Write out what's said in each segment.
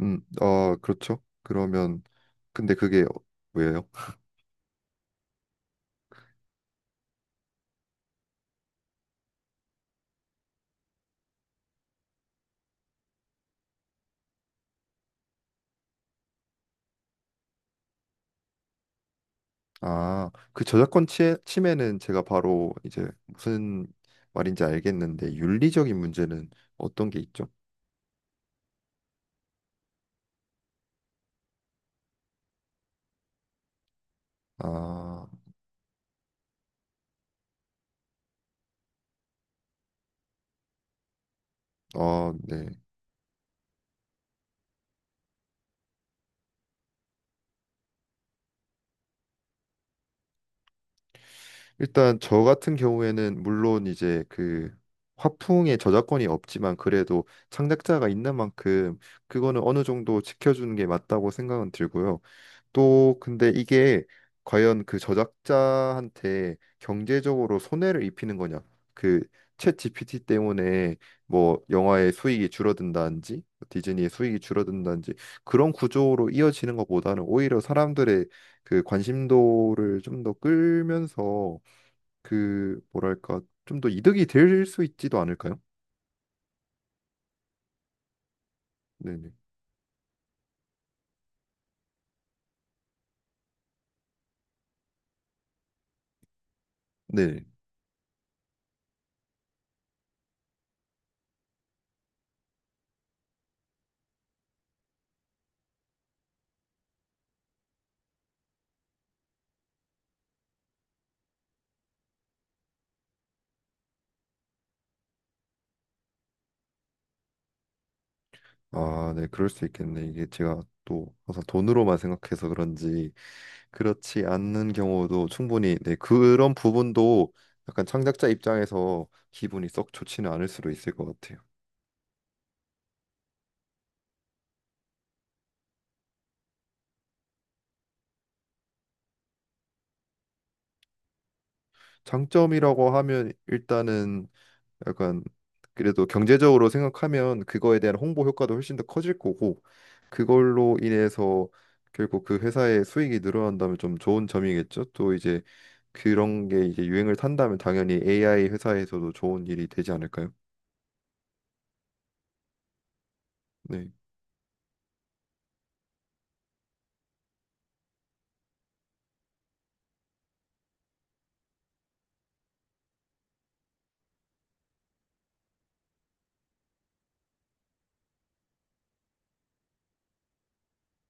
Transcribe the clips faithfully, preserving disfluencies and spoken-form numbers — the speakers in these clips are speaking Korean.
음, 어, 그렇죠. 그러면 근데 그게 왜요? 아, 그 저작권 침해, 침해는 제가 바로 이제 무슨 말인지 알겠는데 윤리적인 문제는 어떤 게 있죠? 아, 어, 네. 일단 저 같은 경우에는 물론 이제 그 화풍에 저작권이 없지만 그래도 창작자가 있는 만큼 그거는 어느 정도 지켜주는 게 맞다고 생각은 들고요. 또 근데 이게 과연 그 저작자한테 경제적으로 손해를 입히는 거냐? 그챗 지피티 때문에 뭐 영화의 수익이 줄어든다든지 디즈니의 수익이 줄어든다든지 그런 구조로 이어지는 것보다는 오히려 사람들의 그 관심도를 좀 더 끌면서 그 뭐랄까 좀 더 이득이 될 수 있지도 않을까요? 네네. 아, 네, 그럴 수 있겠네. 이게 제가 또 항상 돈으로만 생각해서 그런지, 그렇지 않는 경우도 충분히, 네, 그런 부분도 약간 창작자 입장에서 기분이 썩 좋지는 않을 수도 있을 것 같아요. 장점이라고 하면 일단은 약간, 그래도 경제적으로 생각하면 그거에 대한 홍보 효과도 훨씬 더 커질 거고, 그걸로 인해서 결국 그 회사의 수익이 늘어난다면 좀 좋은 점이겠죠. 또 이제 그런 게 이제 유행을 탄다면 당연히 에이아이 회사에서도 좋은 일이 되지 않을까요? 네.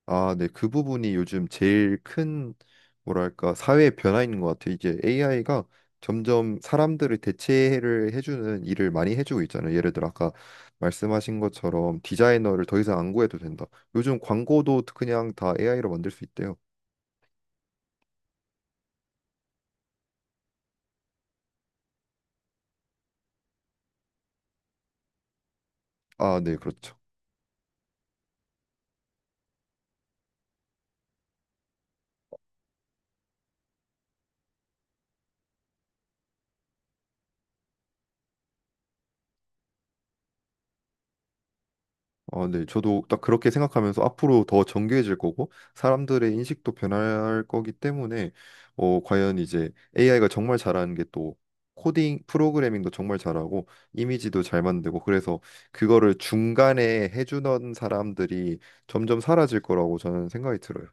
아, 네. 그 부분이 요즘 제일 큰, 뭐랄까, 사회의 변화인 것 같아요. 이제 에이아이가 점점 사람들을 대체를 해주는 일을 많이 해주고 있잖아요. 예를 들어 아까 말씀하신 것처럼 디자이너를 더 이상 안 구해도 된다. 요즘 광고도 그냥 다 에이아이로 만들 수 있대요. 아, 네, 그렇죠. 어, 네. 저도 딱 그렇게 생각하면서 앞으로 더 정교해질 거고 사람들의 인식도 변할 거기 때문에, 어, 과연 이제 에이아이가 정말 잘하는 게 또 코딩 프로그래밍도 정말 잘하고 이미지도 잘 만들고. 그래서 그거를 중간에 해주던 사람들이 점점 사라질 거라고 저는 생각이 들어요.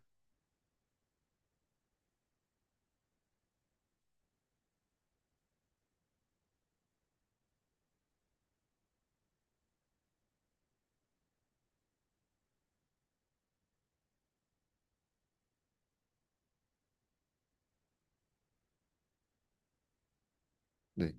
네.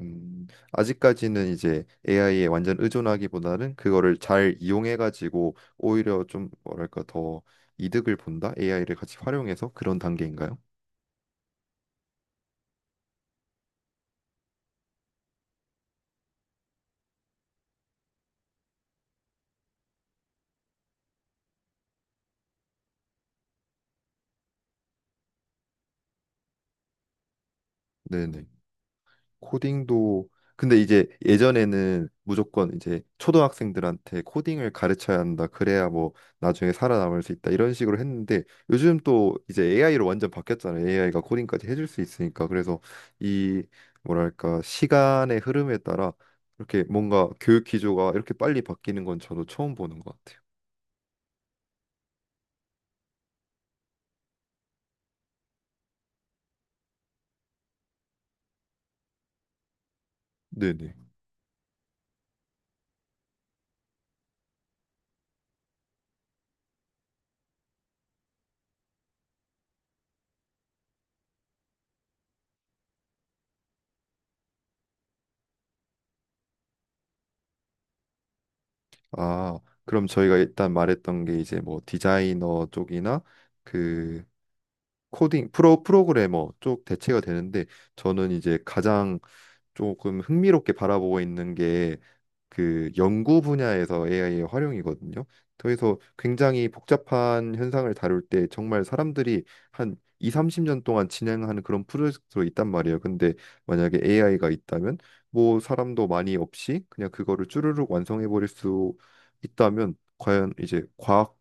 음, 아직까지는 이제 에이아이에 완전 의존하기보다는 그거를 잘 이용해가지고 오히려 좀, 뭐랄까, 더 이득을 본다? 에이아이를 같이 활용해서 그런 단계인가요? 네네. 코딩도, 근데 이제 예전에는 무조건 이제 초등학생들한테 코딩을 가르쳐야 한다, 그래야 뭐 나중에 살아남을 수 있다, 이런 식으로 했는데 요즘 또 이제 에이아이로 완전 바뀌었잖아요. 에이아이가 코딩까지 해줄 수 있으니까. 그래서 이, 뭐랄까, 시간의 흐름에 따라 이렇게 뭔가 교육 기조가 이렇게 빨리 바뀌는 건 저도 처음 보는 것 같아요. 네네. 아, 그럼 저희가 일단 말했던 게 이제 뭐 디자이너 쪽이나 그 코딩 프로 프로그래머 쪽 대체가 되는데, 저는 이제 가장 조금 흥미롭게 바라보고 있는 게 그 연구 분야에서 에이아이의 활용이거든요. 그래서 굉장히 복잡한 현상을 다룰 때 정말 사람들이 한 이, 삼십 년 동안 진행하는 그런 프로젝트로 있단 말이에요. 근데 만약에 에이아이가 있다면 뭐 사람도 많이 없이 그냥 그거를 쭈르륵 완성해 버릴 수 있다면 과연 이제 과학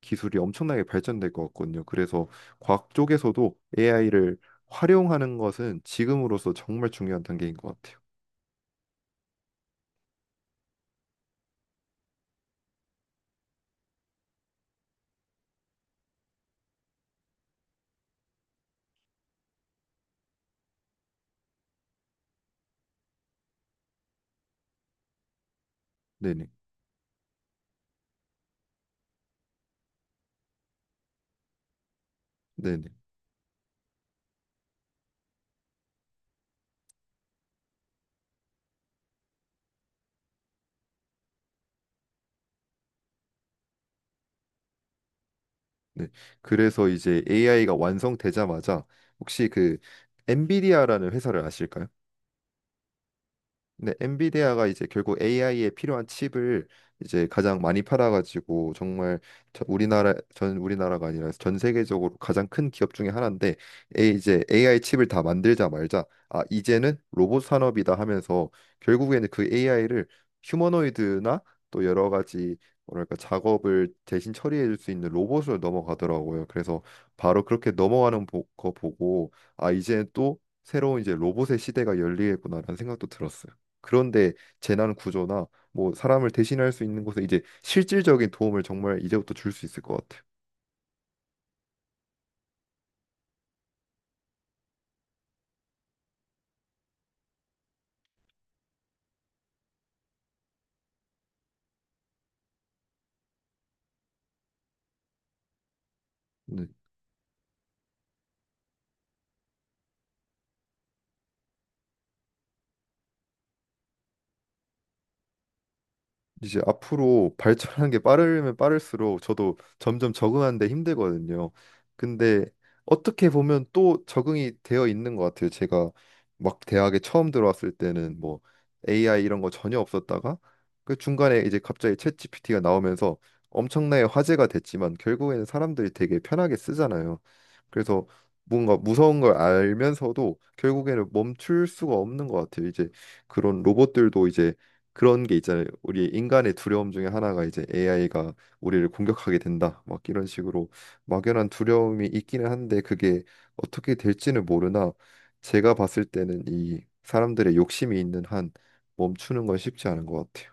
기술이 엄청나게 발전될 것 같거든요. 그래서 과학 쪽에서도 에이아이를 활용하는 것은 지금으로서 정말 중요한 단계인 것 같아요. 네네. 네네. 네. 그래서 이제 에이아이가 완성되자마자 혹시 그 엔비디아라는 회사를 아실까요? 근데 엔비디아가 이제 결국 에이아이에 필요한 칩을 이제 가장 많이 팔아가지고 정말 저- 우리나라 전 우리나라가 아니라 전 세계적으로 가장 큰 기업 중에 하나인데, 에 이제 에이아이 칩을 다 만들자 말자 아 이제는 로봇 산업이다 하면서 결국에는 그 에이아이를 휴머노이드나 또 여러 가지, 뭐랄까, 작업을 대신 처리해 줄 수 있는 로봇으로 넘어가더라고요. 그래서 바로 그렇게 넘어가는 보- 거 보고 아 이제 또 새로운 이제 로봇의 시대가 열리겠구나라는 생각도 들었어요. 그런데 재난 구조나 뭐 사람을 대신할 수 있는 곳에 이제 실질적인 도움을 정말 이제부터 줄 수 있을 것 같아요. 네. 이제 앞으로 발전하는 게 빠르면 빠를수록 저도 점점 적응하는데 힘들거든요. 근데 어떻게 보면 또 적응이 되어 있는 것 같아요. 제가 막 대학에 처음 들어왔을 때는 뭐 에이아이 이런 거 전혀 없었다가 그 중간에 이제 갑자기 챗 지피티가 나오면서 엄청나게 화제가 됐지만 결국에는 사람들이 되게 편하게 쓰잖아요. 그래서 뭔가 무서운 걸 알면서도 결국에는 멈출 수가 없는 것 같아요. 이제 그런 로봇들도 이제 그런 게 있잖아요. 우리 인간의 두려움 중에 하나가 이제 에이아이가 우리를 공격하게 된다. 막 이런 식으로 막연한 두려움이 있기는 한데 그게 어떻게 될지는 모르나 제가 봤을 때는 이 사람들의 욕심이 있는 한 멈추는 건 쉽지 않은 것 같아요.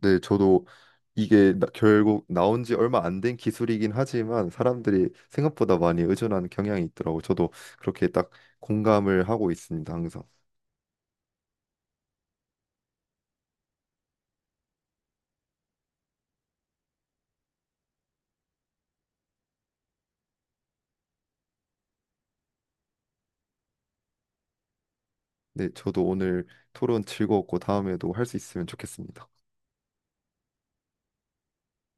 네, 저도 이게 나- 결국 나온 지 얼마 안 된 기술이긴 하지만 사람들이 생각보다 많이 의존하는 경향이 있더라고. 저도 그렇게 딱 공감을 하고 있습니다, 항상. 네, 저도 오늘 토론 즐거웠고 다음에도 할 수 있으면 좋겠습니다.